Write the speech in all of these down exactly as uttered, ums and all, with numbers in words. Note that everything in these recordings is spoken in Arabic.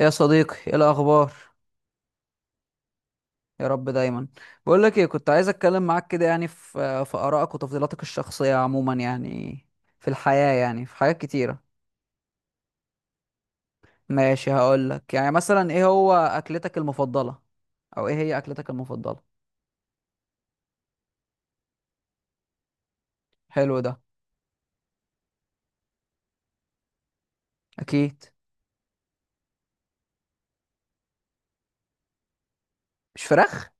يا صديقي، ايه الاخبار؟ يا رب دايما. بقول لك ايه، كنت عايز اتكلم معاك كده يعني في في ارائك وتفضيلاتك الشخصيه عموما يعني في الحياه يعني في حاجات كتيره. ماشي، هقول لك يعني مثلا ايه هو اكلتك المفضله او ايه هي اكلتك المفضله؟ حلو ده. اكيد مش فراخ.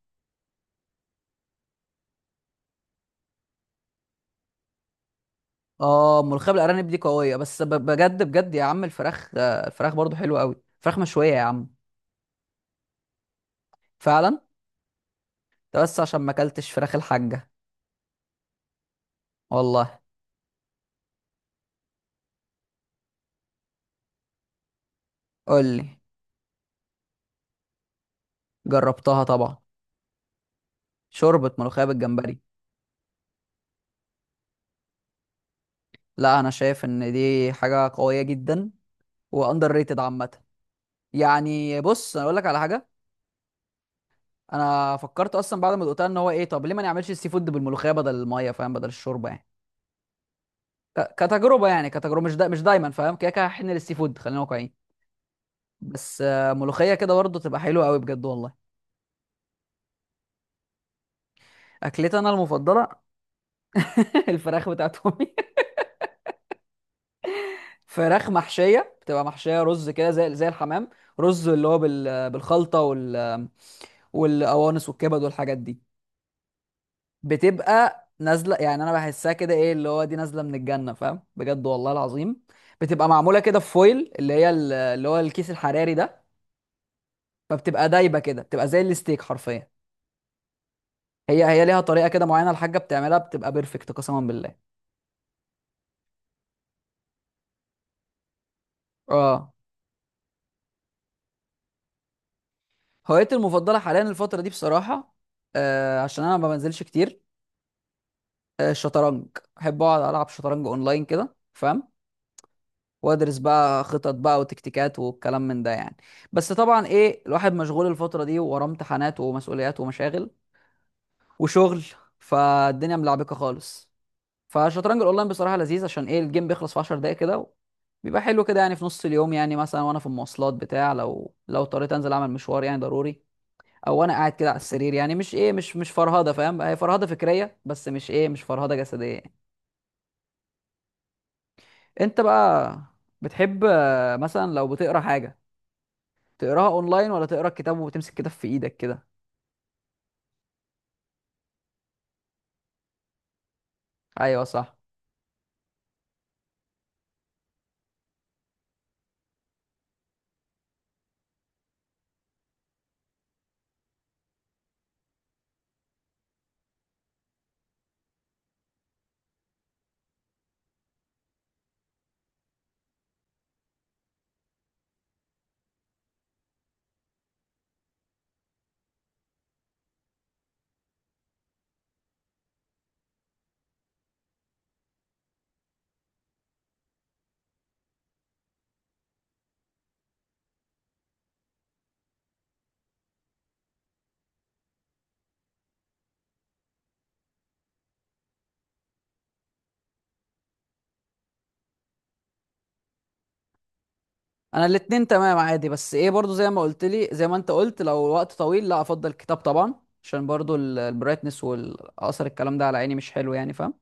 اه، ملوخيه بالارانب دي قويه بس ب- بجد بجد يا عم. الفراخ آه، الفراخ برضو حلوه قوي، فراخ مشويه يا عم. فعلا. ده بس عشان ما اكلتش فراخ الحاجه، والله. قول لي. جربتها طبعا. شوربة ملوخية بالجمبري. لا، انا شايف ان دي حاجة قوية جدا، واندر ريتد عامة. يعني بص، انا اقول لك على حاجة. انا فكرت اصلا بعد ما دقتها ان هو ايه، طب ليه ما نعملش السي فود بالملوخية بدل المية، فاهم؟ بدل الشوربة يعني. ك- كتجربة، يعني كتجربة، مش دا مش دايما فاهم، كده كده هحن للسي فود، خلينا واقعيين. بس آه، ملوخية كده برضه تبقى حلوة قوي بجد والله. اكلتي انا المفضلة؟ الفراخ بتاعت امي. فراخ محشية بتبقى محشية رز كده، زي زي الحمام. رز اللي هو بال- بالخلطة وال والقوانص والكبد والحاجات دي. بتبقى نازله، يعني انا بحسها كده ايه اللي هو دي نازله من الجنه، فاهم؟ بجد والله العظيم. بتبقى معموله كده في فويل، اللي هي ال- اللي هو الكيس الحراري ده. فبتبقى دايبه كده، بتبقى زي الستيك حرفيا. هي هي ليها طريقه كده معينه، الحاجه بتعملها بتبقى بيرفكت قسما بالله. اه. هوايتي المفضله حاليا الفتره دي بصراحه، آه عشان انا ما بنزلش كتير، آه، الشطرنج. بحب اقعد العب شطرنج اونلاين كده، فاهم؟ وادرس بقى خطط بقى وتكتيكات والكلام من ده يعني. بس طبعا ايه، الواحد مشغول الفترة دي وراه امتحانات ومسؤوليات ومشاغل وشغل. فالدنيا ملعبكة خالص. فالشطرنج الاونلاين بصراحة لذيذ، عشان ايه الجيم بيخلص في 10 دقايق كده. بيبقى حلو كده، يعني في نص اليوم يعني مثلا، وانا في المواصلات بتاع، لو لو اضطريت انزل اعمل مشوار يعني ضروري. او وانا قاعد كده على السرير، يعني مش ايه مش مش فرهدة، فاهم؟ هي فرهدة فكرية، بس مش ايه مش فرهدة جسدية يعني. انت بقى بتحب آه، مثلا لو بتقرا حاجة، تقراها اونلاين ولا تقرا الكتاب وتمسك كتاب في ايدك كده؟ ايوه صح. انا الاتنين تمام عادي، بس ايه برضو زي ما قلت لي زي ما انت قلت، لو وقت طويل لا، افضل الكتاب طبعا. عشان برضو البرايتنس والاثر، الكلام ده على عيني مش حلو يعني، فاهم؟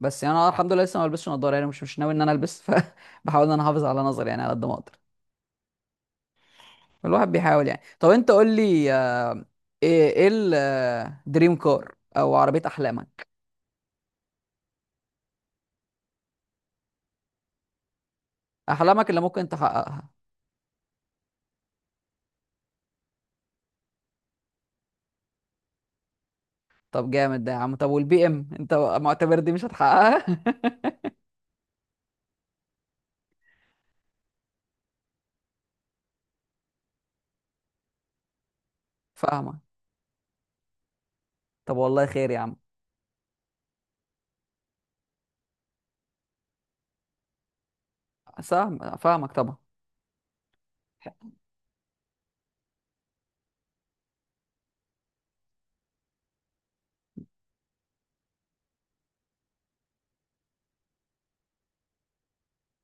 بس يعني انا الحمد لله لسه ما بلبسش نضاره، يعني مش مش ناوي ان انا البس. فبحاول ان انا احافظ على نظري يعني على قد ما اقدر. الواحد بيحاول يعني. طب انت قول لي، آه، ايه ايه الدريم كار او عربيه احلامك؟ احلامك اللي ممكن تحققها. طب جامد ده يا عم. طب والبي ام انت معتبر دي مش هتحققها؟ فاهمك. طب والله خير يا عم. سهم- فاهمك طبعا.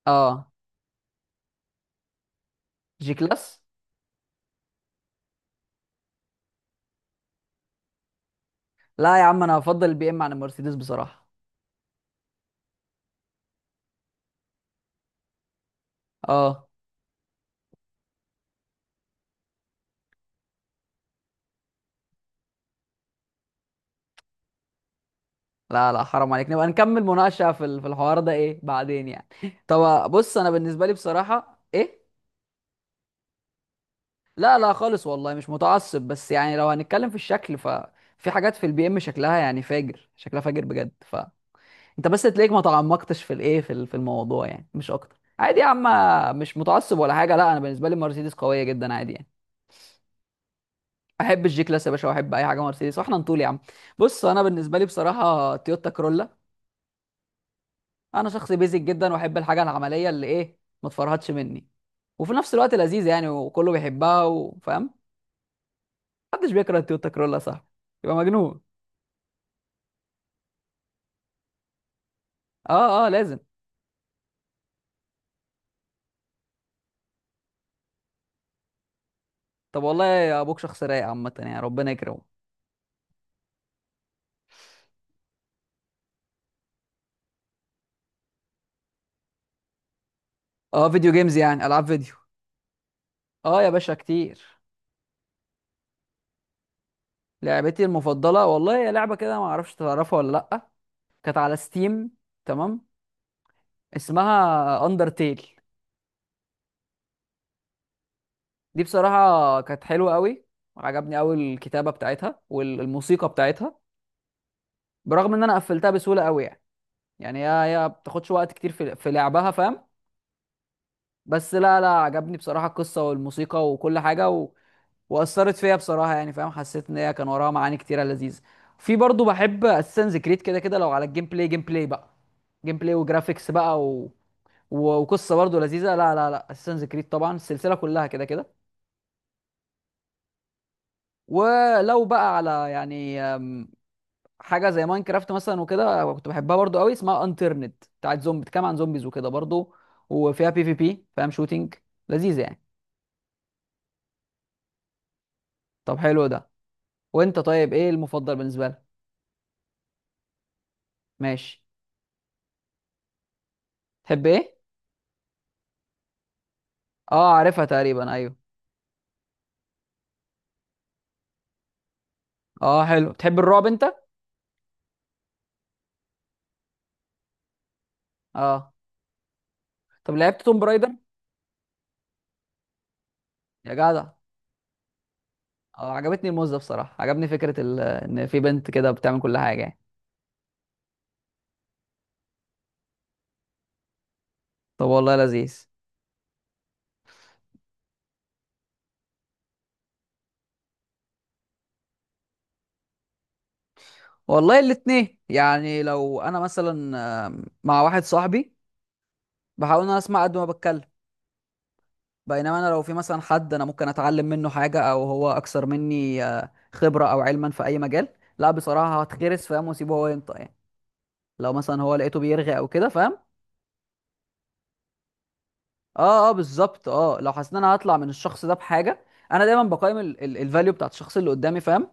اه، جي كلاس. لا يا عم، انا هفضل البي ام عن المرسيدس بصراحه. اه. لا لا، حرام عليك نبقى نكمل مناقشه في ال- في الحوار ده ايه بعدين يعني. طب بص، انا بالنسبه لي بصراحه ايه. لا لا خالص والله، مش متعصب، بس يعني لو هنتكلم في الشكل، ففي حاجات في البي ام شكلها يعني فاجر، شكلها فاجر بجد، فانت بس تلاقيك ما تعمقتش في الايه في ال- في الموضوع يعني، مش اكتر عادي يا عم. مش متعصب ولا حاجه. لا، انا بالنسبه لي مرسيدس قويه جدا عادي يعني. احب الجي كلاس يا باشا، واحب اي حاجه مرسيدس، واحنا نطول يا عم. بص، انا بالنسبه لي بصراحه تويوتا كرولا. انا شخص بيزك جدا، واحب الحاجه العمليه اللي ايه ما تفرهدش مني، وفي نفس الوقت لذيذه يعني، وكله بيحبها وفاهم. محدش بيكره التويوتا كرولا، صح؟ يبقى مجنون. اه اه، لازم. طب والله يا ابوك شخص رايق عامه يعني، ربنا يكرمه. اه، فيديو جيمز يعني، العاب فيديو. اه يا باشا، كتير. لعبتي المفضله والله، هي لعبه كده ما اعرفش تعرفها ولا لا. كانت على ستيم، تمام. اسمها اندرتيل. دي بصراحة كانت حلوة قوي. عجبني قوي الكتابة بتاعتها والموسيقى بتاعتها. برغم ان انا قفلتها بسهولة قوي يعني. يعني هي هي بتاخدش وقت كتير في في لعبها، فاهم؟ بس لا لا، عجبني بصراحة القصة والموسيقى وكل حاجة و... وأثرت فيا بصراحة، يعني فاهم، حسيت ان هي كان وراها معاني كتيرة لذيذة. في برضو بحب اساسنز كريد كده كده، لو على الجيم بلاي، جيم بلاي بقى، جيم بلاي وجرافيكس بقى و... و- وقصة برضو لذيذة. لا لا لا، اساسنز كريد طبعا السلسلة كلها كده كده. ولو بقى على يعني حاجه زي ماينكرافت مثلا وكده، كنت بحبها برضو قوي. اسمها انترنت بتاعت زومبي، بتتكلم عن زومبيز وكده برضو، وفيها بي في بي، فاهم؟ شوتينج، لذيذه يعني. طب حلو ده. وانت طيب ايه المفضل بالنسبه لك؟ ماشي. تحب ايه؟ اه، عارفها تقريبا، ايوه. اه حلو، تحب الرعب انت؟ اه. طب لعبت توم رايدر؟ يا جدع. اه، عجبتني الموز ده بصراحه، عجبني فكره ال... ان في بنت كده بتعمل كل حاجه يعني. طب والله لذيذ. والله الاتنين يعني، لو انا مثلا آم، مع واحد صاحبي، بحاول ان انا اسمع قد ما بتكلم. بينما انا لو في مثلا حد انا ممكن اتعلم منه حاجه، او هو اكثر مني آه، خبره او علما في اي مجال، لا بصراحه هتخرس فاهم، واسيبه هو ينطق يعني. لو مثلا هو لقيته بيرغي او كده، فاهم؟ اه اه، بالظبط. اه، لو حسيت ان انا هطلع من الشخص ده بحاجه، انا دايما بقيم الفاليو بتاعت الشخص اللي قدامي، فاهم؟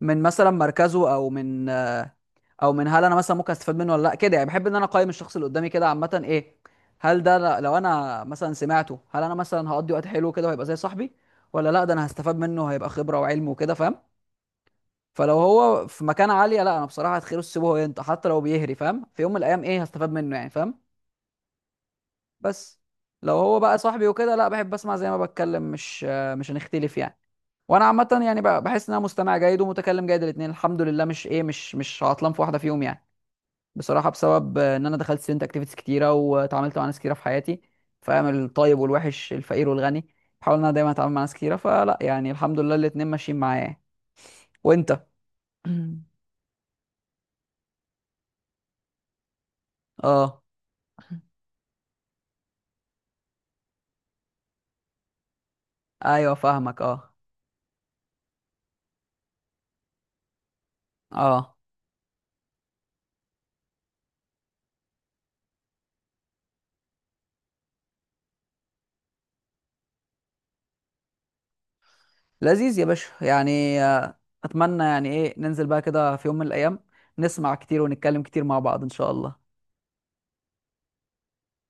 من مثلا مركزه، او من او من هل انا مثلا ممكن استفاد منه ولا لا، كده يعني. بحب ان انا اقيم الشخص اللي قدامي كده عامه، ايه، هل ده ل- لو انا مثلا سمعته، هل انا مثلا هقضي وقت حلو كده وهيبقى زي صاحبي، ولا لا ده انا هستفاد منه هيبقى خبره وعلم وكده، فاهم؟ فلو هو في مكانه عاليه، لا انا بصراحه هتخيره السيبه هو ينطق، حتى لو بيهري فاهم، في يوم من الايام ايه هستفاد منه يعني، فاهم؟ بس لو هو بقى صاحبي وكده، لا بحب اسمع زي ما بتكلم، مش آه، مش هنختلف يعني. وانا عامه يعني بقى، بحس ان انا مستمع جيد ومتكلم جيد، الاثنين الحمد لله مش ايه مش مش عطلان في واحده فيهم يعني. بصراحة بسبب آه، ان انا دخلت ستودنت اكتيفيتيز كتيرة، واتعاملت مع ناس كتيرة في حياتي، فاهم الطيب والوحش، الفقير والغني. بحاول ان انا دايما اتعامل مع ناس كتيرة، فلا يعني الحمد لله الاتنين ماشيين معايا يعني. وانت؟ اه. ايوه فاهمك، اه. اه لذيذ يا باشا يعني، آه، اتمنى يعني ايه ننزل بقى كده في يوم من الايام، نسمع كتير ونتكلم كتير مع بعض ان شاء الله.